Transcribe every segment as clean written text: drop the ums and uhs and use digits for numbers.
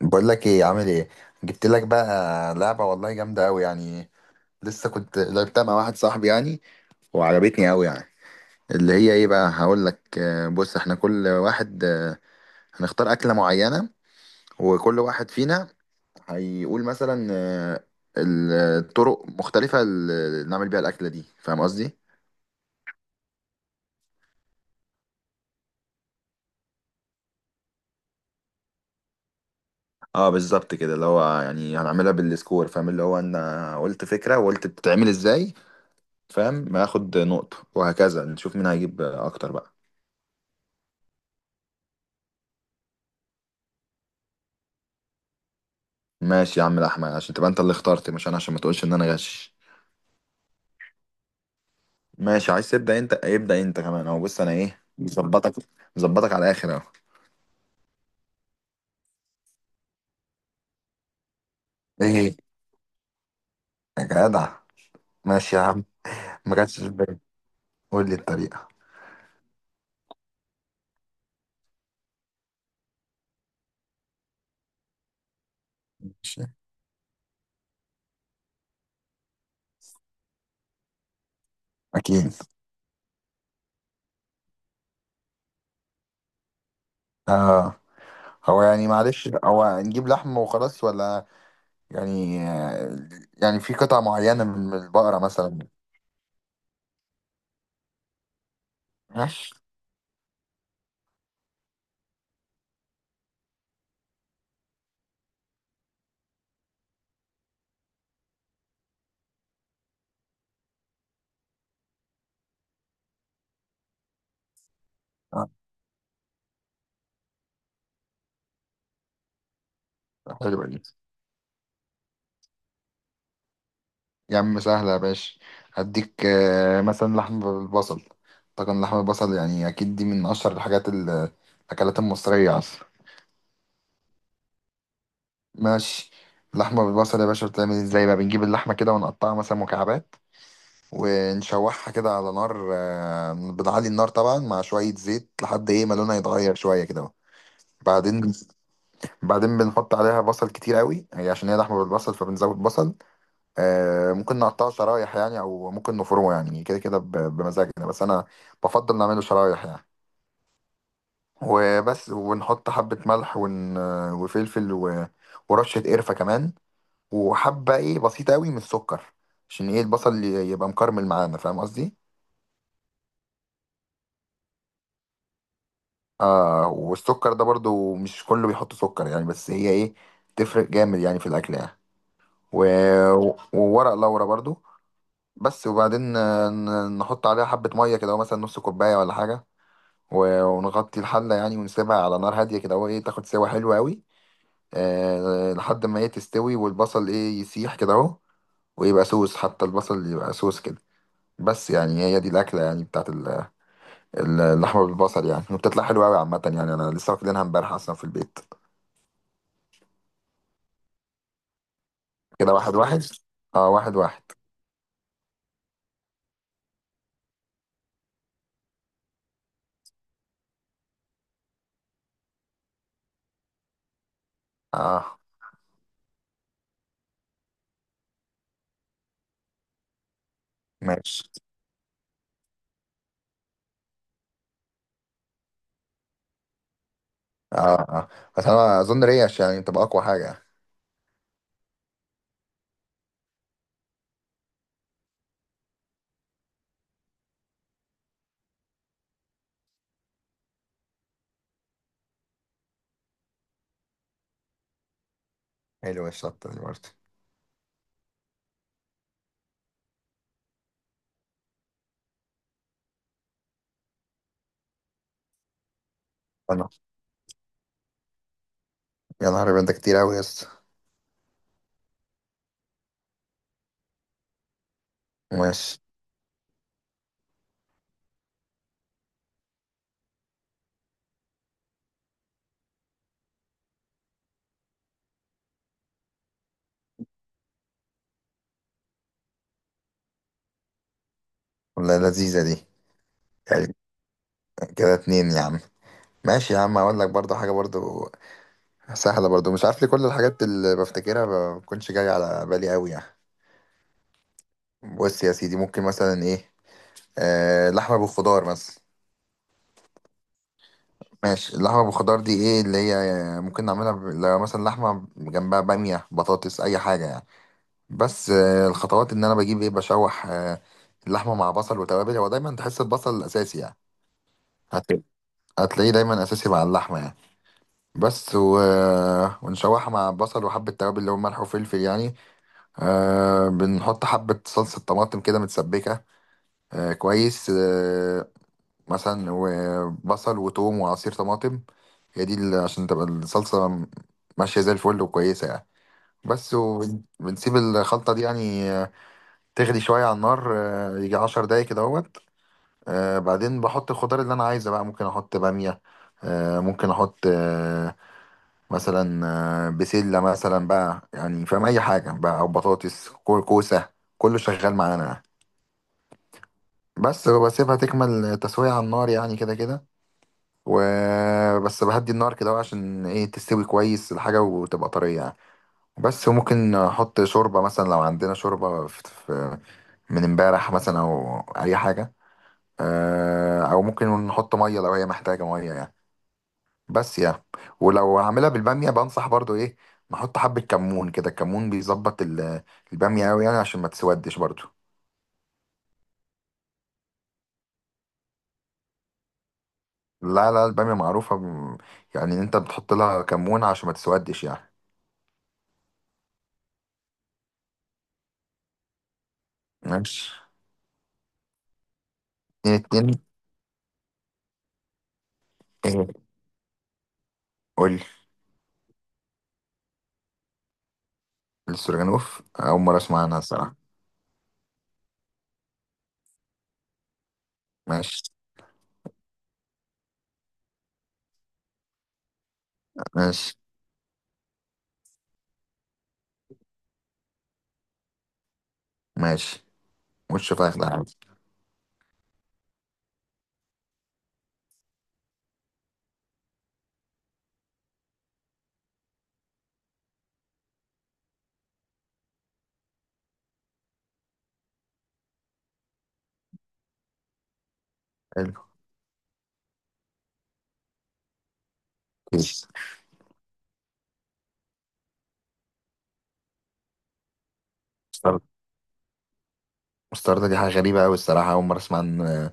بقول لك ايه، عامل ايه؟ جبت لك بقى لعبه، والله جامده قوي يعني. لسه كنت لعبتها مع واحد صاحبي يعني، وعجبتني قوي يعني. اللي هي ايه بقى هقول لك، بص احنا كل واحد، هنختار اكله معينه، وكل واحد فينا هيقول مثلا الطرق مختلفه اللي نعمل بيها الاكله دي، فاهم قصدي؟ اه، بالظبط كده، اللي هو يعني هنعملها بالسكور، فاهم؟ اللي هو انا قلت فكره وقلت بتتعمل ازاي. فاهم؟ ما اخد نقطه وهكذا نشوف مين هيجيب اكتر بقى. ماشي يا عم الاحمد، عشان تبقى انت اللي اخترت مش انا، عشان ما تقولش ان انا غش. ماشي، عايز تبدا انت؟ ابدا انت كمان اهو، بص انا ايه، مظبطك. مظبطك على الاخر اهو. ايه يا جدع، ماشي يا عم. ما جاتش في بالي، قول لي الطريقه. مش- اكيد آه. هو يعني معلش، هو نجيب لحم وخلاص ولا يعني، يعني في قطع معينه من البقره مثلا؟ ماشي. آه، حلوه دي. يا عم سهلة يا باشا، هديك مثلا لحمة بالبصل. طبعا لحمة البصل يعني أكيد دي من أشهر الحاجات الأكلات المصرية أصلا. ماشي. لحمة بالبصل يا باشا بتعمل ازاي بقى؟ بنجيب اللحمة كده ونقطعها مثلا مكعبات. ونشوحها كده على نار، بنعلي النار طبعا مع شوية زيت لحد ايه ما لونها يتغير شوية كده. بعدين بعدين بنحط عليها بصل كتير قوي، هي عشان هي لحمة بالبصل فبنزود بصل. ممكن نقطعه شرايح يعني او ممكن نفرمه يعني كده كده، بمزاجنا، بس انا بفضل نعمله شرايح يعني. وبس ونحط حبة ملح وفلفل ورشة قرفة كمان. وحبة ايه بسيطة قوي من السكر، عشان ايه البصل يبقى مكرمل معانا، فاهم قصدي؟ اه، والسكر ده برضو مش كله بيحط سكر يعني، بس هي ايه تفرق جامد يعني في الاكل يعني. و... وورق لورا برضو. بس، وبعدين نحط عليها حبة مية كده مثلا نص كوباية ولا حاجة. ونغطي الحلة يعني ونسيبها على نار هادية كده اهو ايه تاخد سوا حلوة قوي. أه، لحد ما هي تستوي والبصل ايه يسيح كده اهو. ويبقى سوس، حتى البصل يبقى سوس كده. بس يعني هي دي الأكلة يعني بتاعت اللحمة بالبصل يعني، وبتطلع حلوة قوي عامة يعني. أنا لسه واكلينها امبارح أصلا في البيت. كده واحد واحد، اه واحد واحد. اه ماشي، اه اه. بس أنا أظن ريش يعني تبقى أقوى حاجة. حلوة الشطة دي برضه. انا، يا نهار أبيض ده كتير أوي يا اسطى. ماشي، والله لذيذة دي. يعني. كده اتنين يا عم. ماشي يا عم، اقول لك برضو حاجة برضو سهلة برضو، مش عارف ليه كل الحاجات اللي بفتكرها ما بتكونش جاية على بالي قوي يعني. بص يا سيدي، ممكن مثلا ايه، لحمة بالخضار مثلا. ماشي، اللحمة بالخضار دي ايه اللي هي، ممكن نعملها لو مثلا لحمة جنبها بامية، بطاطس، اي حاجة يعني. بس الخطوات ان انا بجيب ايه، بشوح اللحمة مع بصل وتوابل، هو دايما تحس البصل الاساسي يعني. هت- هتلاقيه دايما اساسي مع اللحمة يعني. بس ونشوحها مع بصل وحبة توابل، اللي هو ملح وفلفل يعني. بنحط حبة صلصة طماطم كده متسبكة. آه كويس آه. مثلا، وبصل وتوم وعصير طماطم. هي دي عشان تبقى الصلصة ماشية زي الفل وكويسة يعني. بس وبنسيب الخلطة دي يعني، تغلي شوية على النار، يجي 10 دقايق كده اهوت. بعدين بحط الخضار اللي أنا عايزه بقى، ممكن أحط بامية. ممكن أحط، مثلا، بسلة مثلا بقى يعني، فاهم؟ أي حاجة بقى، أو بطاطس كوسة. كله شغال معانا يعني. بس بسيبها تكمل تسوية على النار يعني كده كده. وبس بهدي النار كده عشان ايه تستوي كويس الحاجة وتبقى طرية يعني. بس ممكن احط شوربة مثلا لو عندنا شوربة في من امبارح مثلا او اي حاجة. او ممكن نحط مية لو هي محتاجة مية يعني. بس يعني. ولو هعملها بالبامية بنصح برضو ايه، نحط حبة كمون كده، الكمون بيظبط البامية أوي يعني، عشان ما تسودش برضو. لا لا، البامية معروفة يعني إن انت بتحط لها كمون عشان ما تسودش يعني. ماشي، اتنين اتنين. ايه؟ قول. السورجانوف أول مرة أسمع عنها الصراحة. ماشي، ماشي، ماشي. وش فاخدة عادي. حلو. كويس. مستردة. مستردة دي حاجة غريبة أوي الصراحة، أول مرة أسمع عن.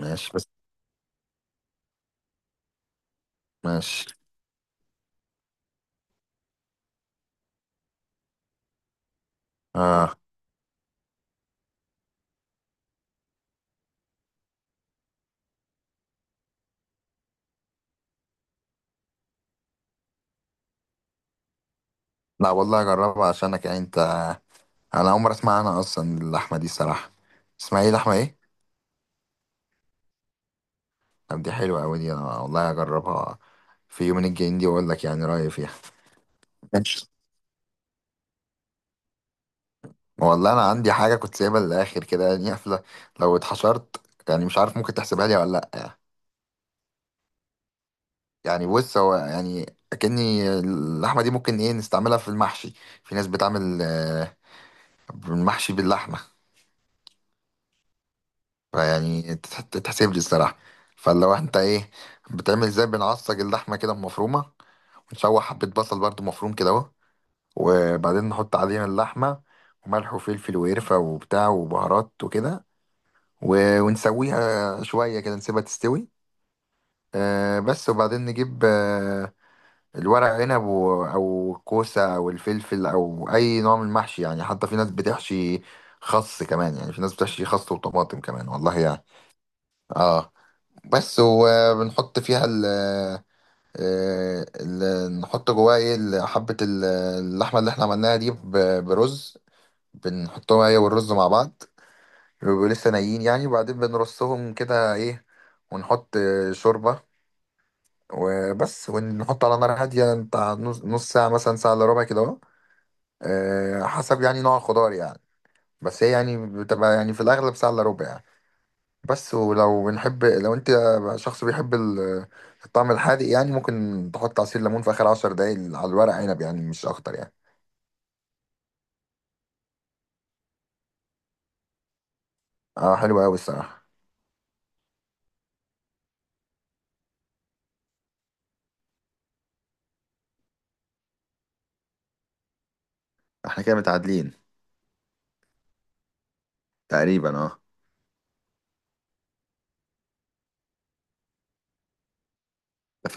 ماشي بس. ماشي، آه. لا والله أجربها عشانك يعني أنت. انا اول مره اسمع عنها اصلا اللحمه دي الصراحه. اسمها ايه، لحمه ايه؟ طب دي حلوه قوي دي، انا والله هجربها في يومين الجايين دي واقول لك يعني رايي فيها. ماشي. والله انا عندي حاجه كنت سايبها للاخر كده يعني، قافله لو اتحشرت يعني، مش عارف ممكن تحسبها لي ولا لا. يعني بص هو يعني، اكني اللحمه دي ممكن ايه نستعملها في المحشي. في ناس بتعمل المحشي باللحمه. فيعني تتحسب لي الصراحه. فلو انت ايه، بتعمل ازاي، بنعصج اللحمه كده مفرومه. نشوح حبة بصل برضو مفروم كده اهو. وبعدين نحط عليها اللحمة وملح وفلفل وقرفة وبتاع وبهارات وكده. ونسويها شوية كده نسيبها تستوي. آه، بس وبعدين نجيب الورق عنب، أو الكوسة أو الفلفل أو أي نوع من المحشي يعني، حتى في ناس بتحشي خس كمان يعني، في ناس بتحشي خس وطماطم كمان والله يعني. اه، بس وبنحط فيها نحط جواه ايه حبة اللحمة اللي احنا عملناها دي، برز. بنحطهم هي والرز مع بعض. بيبقوا لسه نايين يعني، وبعدين بنرصهم كده ايه ونحط شوربة. وبس، ونحط على نار هادية بتاع نص نص ساعة مثلا، ساعة إلا ربع كده اهو. حسب يعني نوع الخضار يعني. بس هي يعني بتبقى يعني في الأغلب ساعة إلا ربع يعني. بس، ولو بنحب، لو انت شخص بيحب الطعم الحادق يعني، ممكن تحط عصير ليمون في اخر 10 دقايق على الورق عنب يعني، مش اكتر يعني. اه حلو قوي الصراحه. احنا كده متعادلين تقريبا، اه.